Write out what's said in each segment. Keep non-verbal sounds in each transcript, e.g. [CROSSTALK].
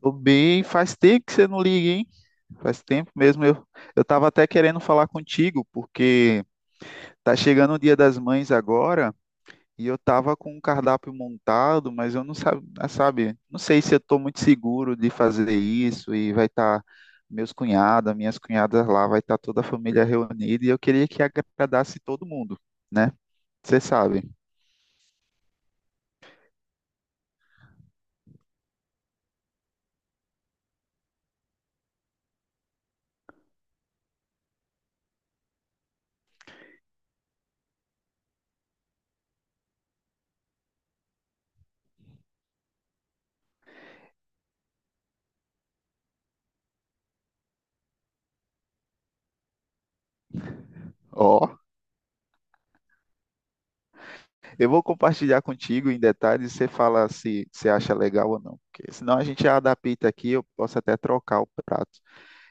Tô bem, faz tempo que você não liga, hein? Faz tempo mesmo. Eu tava até querendo falar contigo, porque tá chegando o Dia das Mães agora e eu tava com um cardápio montado, mas eu não sabe, sabe, não sei se eu tô muito seguro de fazer isso e vai estar meus cunhados, minhas cunhadas lá, vai estar toda a família reunida e eu queria que agradasse todo mundo, né? Você sabe. Ó. Eu vou compartilhar contigo em detalhes e você fala se você acha legal ou não. Porque senão a gente adapta aqui, eu posso até trocar o prato.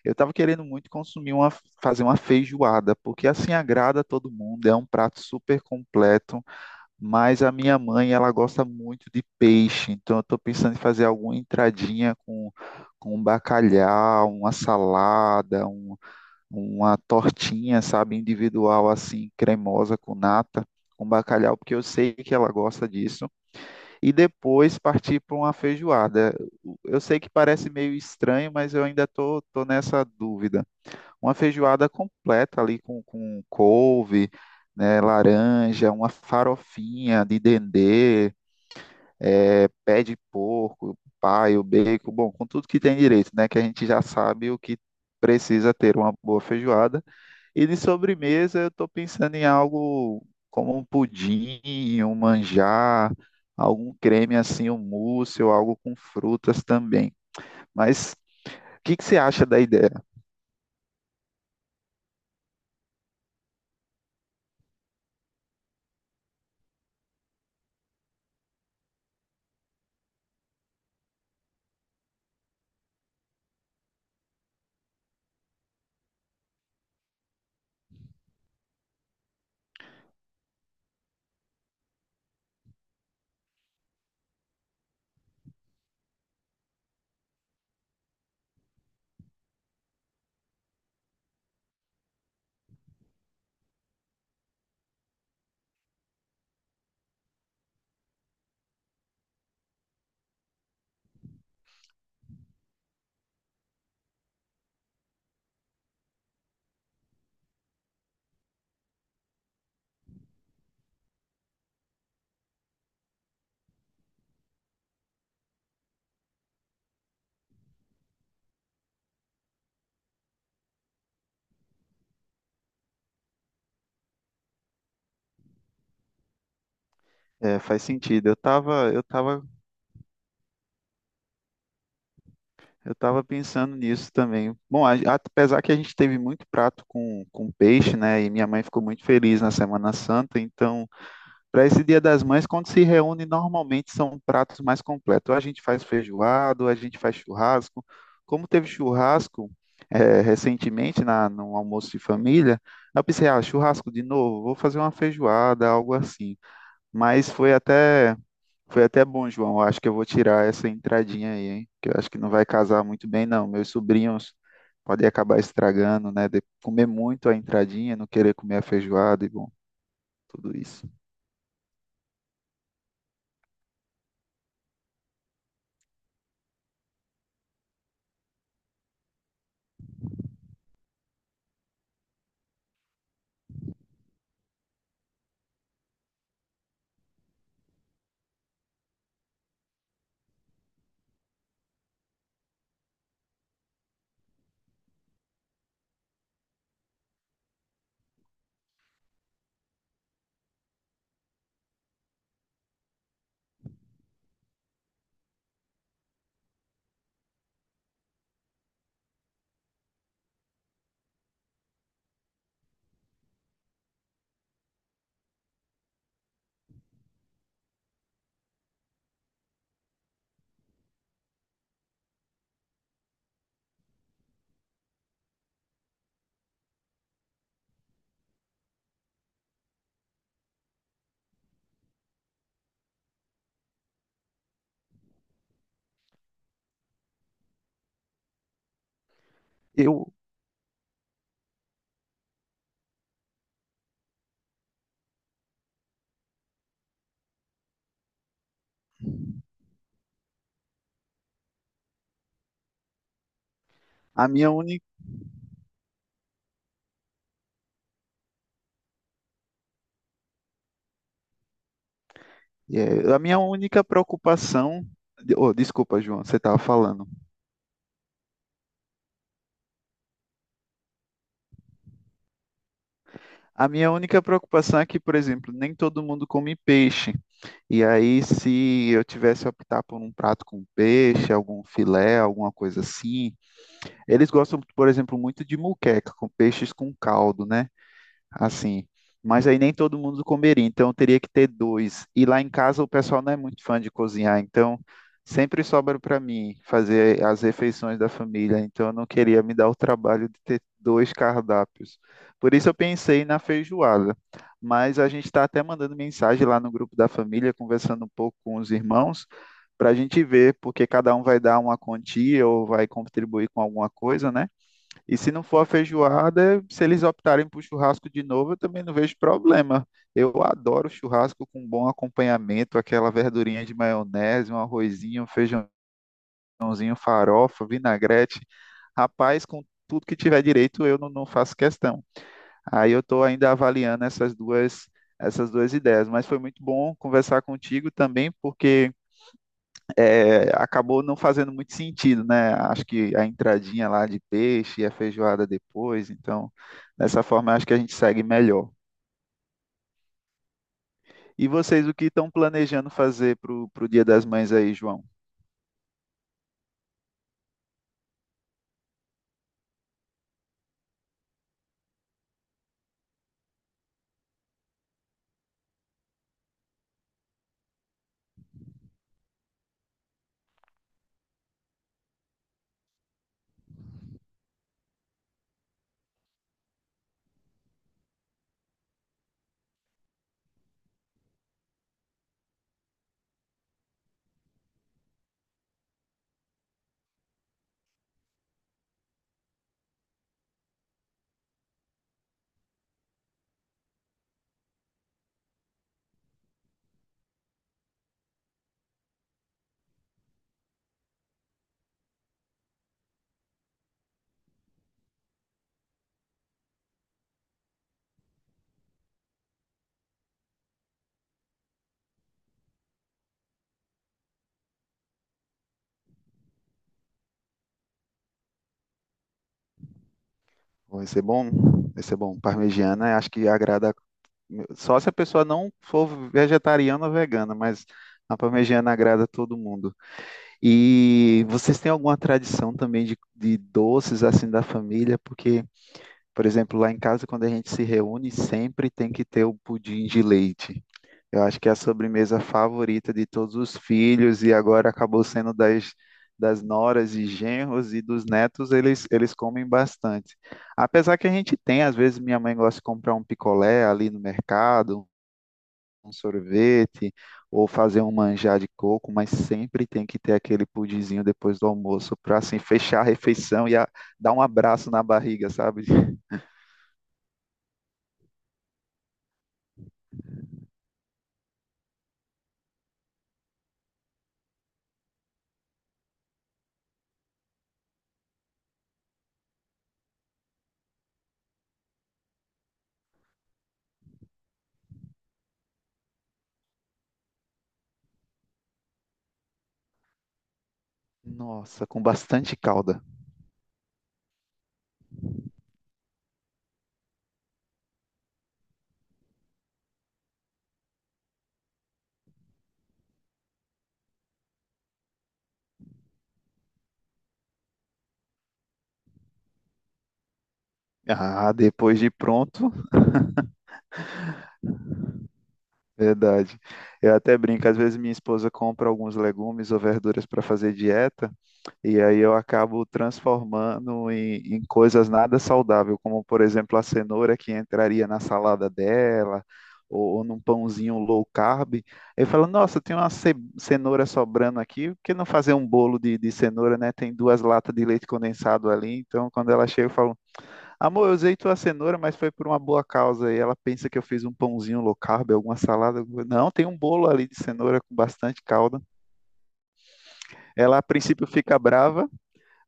Eu estava querendo muito fazer uma feijoada, porque assim agrada todo mundo, é um prato super completo, mas a minha mãe, ela gosta muito de peixe, então eu estou pensando em fazer alguma com um bacalhau, uma salada, uma tortinha, sabe, individual assim, cremosa com nata, com bacalhau, porque eu sei que ela gosta disso, e depois partir para uma feijoada. Eu sei que parece meio estranho, mas eu ainda tô nessa dúvida. Uma feijoada completa ali com couve, né, laranja, uma farofinha de dendê, pé de porco, paio, bacon, bom, com tudo que tem direito, né, que a gente já sabe o que precisa ter uma boa feijoada e de sobremesa, eu estou pensando em algo como um pudim, um manjar, algum creme assim, um mousse ou algo com frutas também. Mas o que que você acha da ideia? É, faz sentido. Eu tava pensando nisso também. Bom, apesar que a gente teve muito prato com peixe, né? E minha mãe ficou muito feliz na Semana Santa, então para esse Dia das Mães, quando se reúne, normalmente são pratos mais completos. Ou a gente faz feijoado, ou a gente faz churrasco. Como teve churrasco recentemente no almoço de família, eu pensei, ah, churrasco de novo, vou fazer uma feijoada, algo assim. Mas foi até bom, João. Eu acho que eu vou tirar essa entradinha aí, hein? Que eu acho que não vai casar muito bem, não. Meus sobrinhos podem acabar estragando, né? De comer muito a entradinha, não querer comer a feijoada e bom, tudo isso. Eu, a minha única É, a minha única preocupação. Oh, desculpa, João, você estava falando. A minha única preocupação é que, por exemplo, nem todo mundo come peixe. E aí, se eu tivesse a optar por um prato com peixe, algum filé, alguma coisa assim, eles gostam, por exemplo, muito de moqueca, com peixes com caldo, né? Assim. Mas aí nem todo mundo comeria, então eu teria que ter dois. E lá em casa o pessoal não é muito fã de cozinhar, então sempre sobra para mim fazer as refeições da família, então eu não queria me dar o trabalho de ter dois cardápios. Por isso eu pensei na feijoada. Mas a gente está até mandando mensagem lá no grupo da família, conversando um pouco com os irmãos, para a gente ver, porque cada um vai dar uma quantia ou vai contribuir com alguma coisa, né? E se não for a feijoada, se eles optarem por churrasco de novo, eu também não vejo problema. Eu adoro churrasco com bom acompanhamento, aquela verdurinha de maionese, um arrozinho, um feijãozinho, farofa, vinagrete. Rapaz, com tudo que tiver direito, eu não faço questão. Aí eu estou ainda avaliando essas duas ideias. Mas foi muito bom conversar contigo também, porque acabou não fazendo muito sentido, né? Acho que a entradinha lá de peixe e a feijoada depois, então, dessa forma, acho que a gente segue melhor. E vocês, o que estão planejando fazer para o Dia das Mães aí, João? Vai ser bom? Vai ser bom. Parmegiana, acho que agrada. Só se a pessoa não for vegetariana ou vegana, mas a parmegiana agrada a todo mundo. E vocês têm alguma tradição também de doces assim da família? Porque por exemplo, lá em casa, quando a gente se reúne, sempre tem que ter o pudim de leite. Eu acho que é a sobremesa favorita de todos os filhos e agora acabou sendo das noras e genros e dos netos, eles comem bastante. Apesar que a gente tem, às vezes minha mãe gosta de comprar um picolé ali no mercado, um sorvete, ou fazer um manjar de coco, mas sempre tem que ter aquele pudinzinho depois do almoço para assim fechar a refeição e dar um abraço na barriga, sabe? Nossa, com bastante calda. Ah, depois de pronto, verdade. Eu até brinco, às vezes minha esposa compra alguns legumes ou verduras para fazer dieta, e aí eu acabo transformando em coisas nada saudável, como por exemplo a cenoura que entraria na salada dela, ou num pãozinho low carb. Eu falo, nossa, tem uma cenoura sobrando aqui, por que não fazer um bolo de cenoura, né? Tem duas latas de leite condensado ali, então quando ela chega, eu falo, amor, eu usei tua cenoura, mas foi por uma boa causa. E ela pensa que eu fiz um pãozinho low carb, alguma salada. Não, tem um bolo ali de cenoura com bastante calda. Ela, a princípio, fica brava,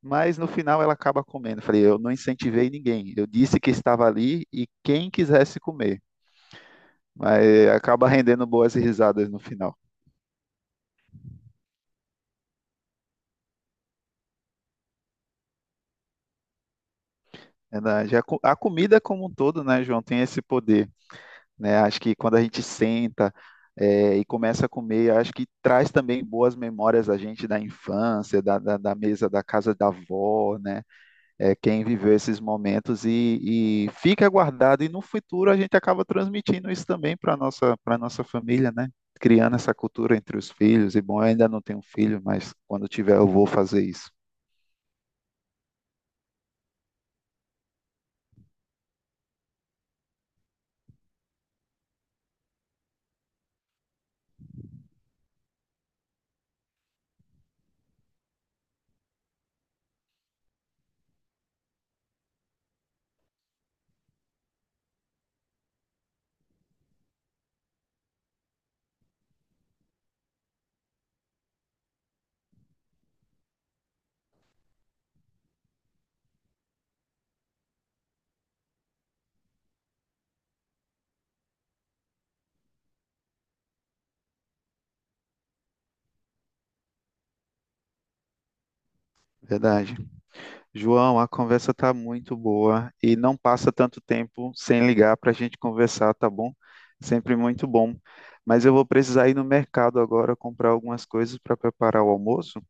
mas no final ela acaba comendo. Falei, eu não incentivei ninguém. Eu disse que estava ali e quem quisesse comer. Mas acaba [LAUGHS] rendendo boas risadas no final. A comida como um todo, né, João, tem esse poder. Né? Acho que quando a gente senta, e começa a comer, acho que traz também boas memórias a gente da infância, da mesa da casa da avó, né? É, quem viveu esses momentos e fica guardado, e no futuro a gente acaba transmitindo isso também para nossa família, né? Criando essa cultura entre os filhos, e bom, eu ainda não tenho filho, mas quando tiver eu vou fazer isso. Verdade. João, a conversa tá muito boa e não passa tanto tempo sem ligar para a gente conversar, tá bom? Sempre muito bom. Mas eu vou precisar ir no mercado agora comprar algumas coisas para preparar o almoço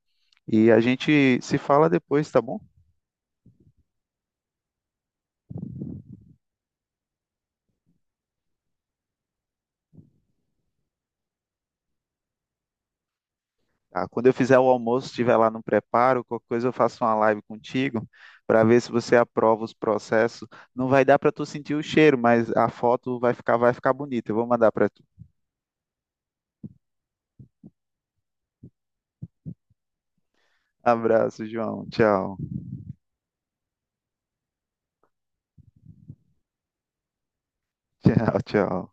e a gente se fala depois, tá bom? Tá, quando eu fizer o almoço, estiver lá no preparo, qualquer coisa eu faço uma live contigo para ver se você aprova os processos. Não vai dar para tu sentir o cheiro, mas a foto vai vai ficar bonita. Eu vou mandar para tu. Abraço, João. Tchau. [LAUGHS] Tchau, tchau.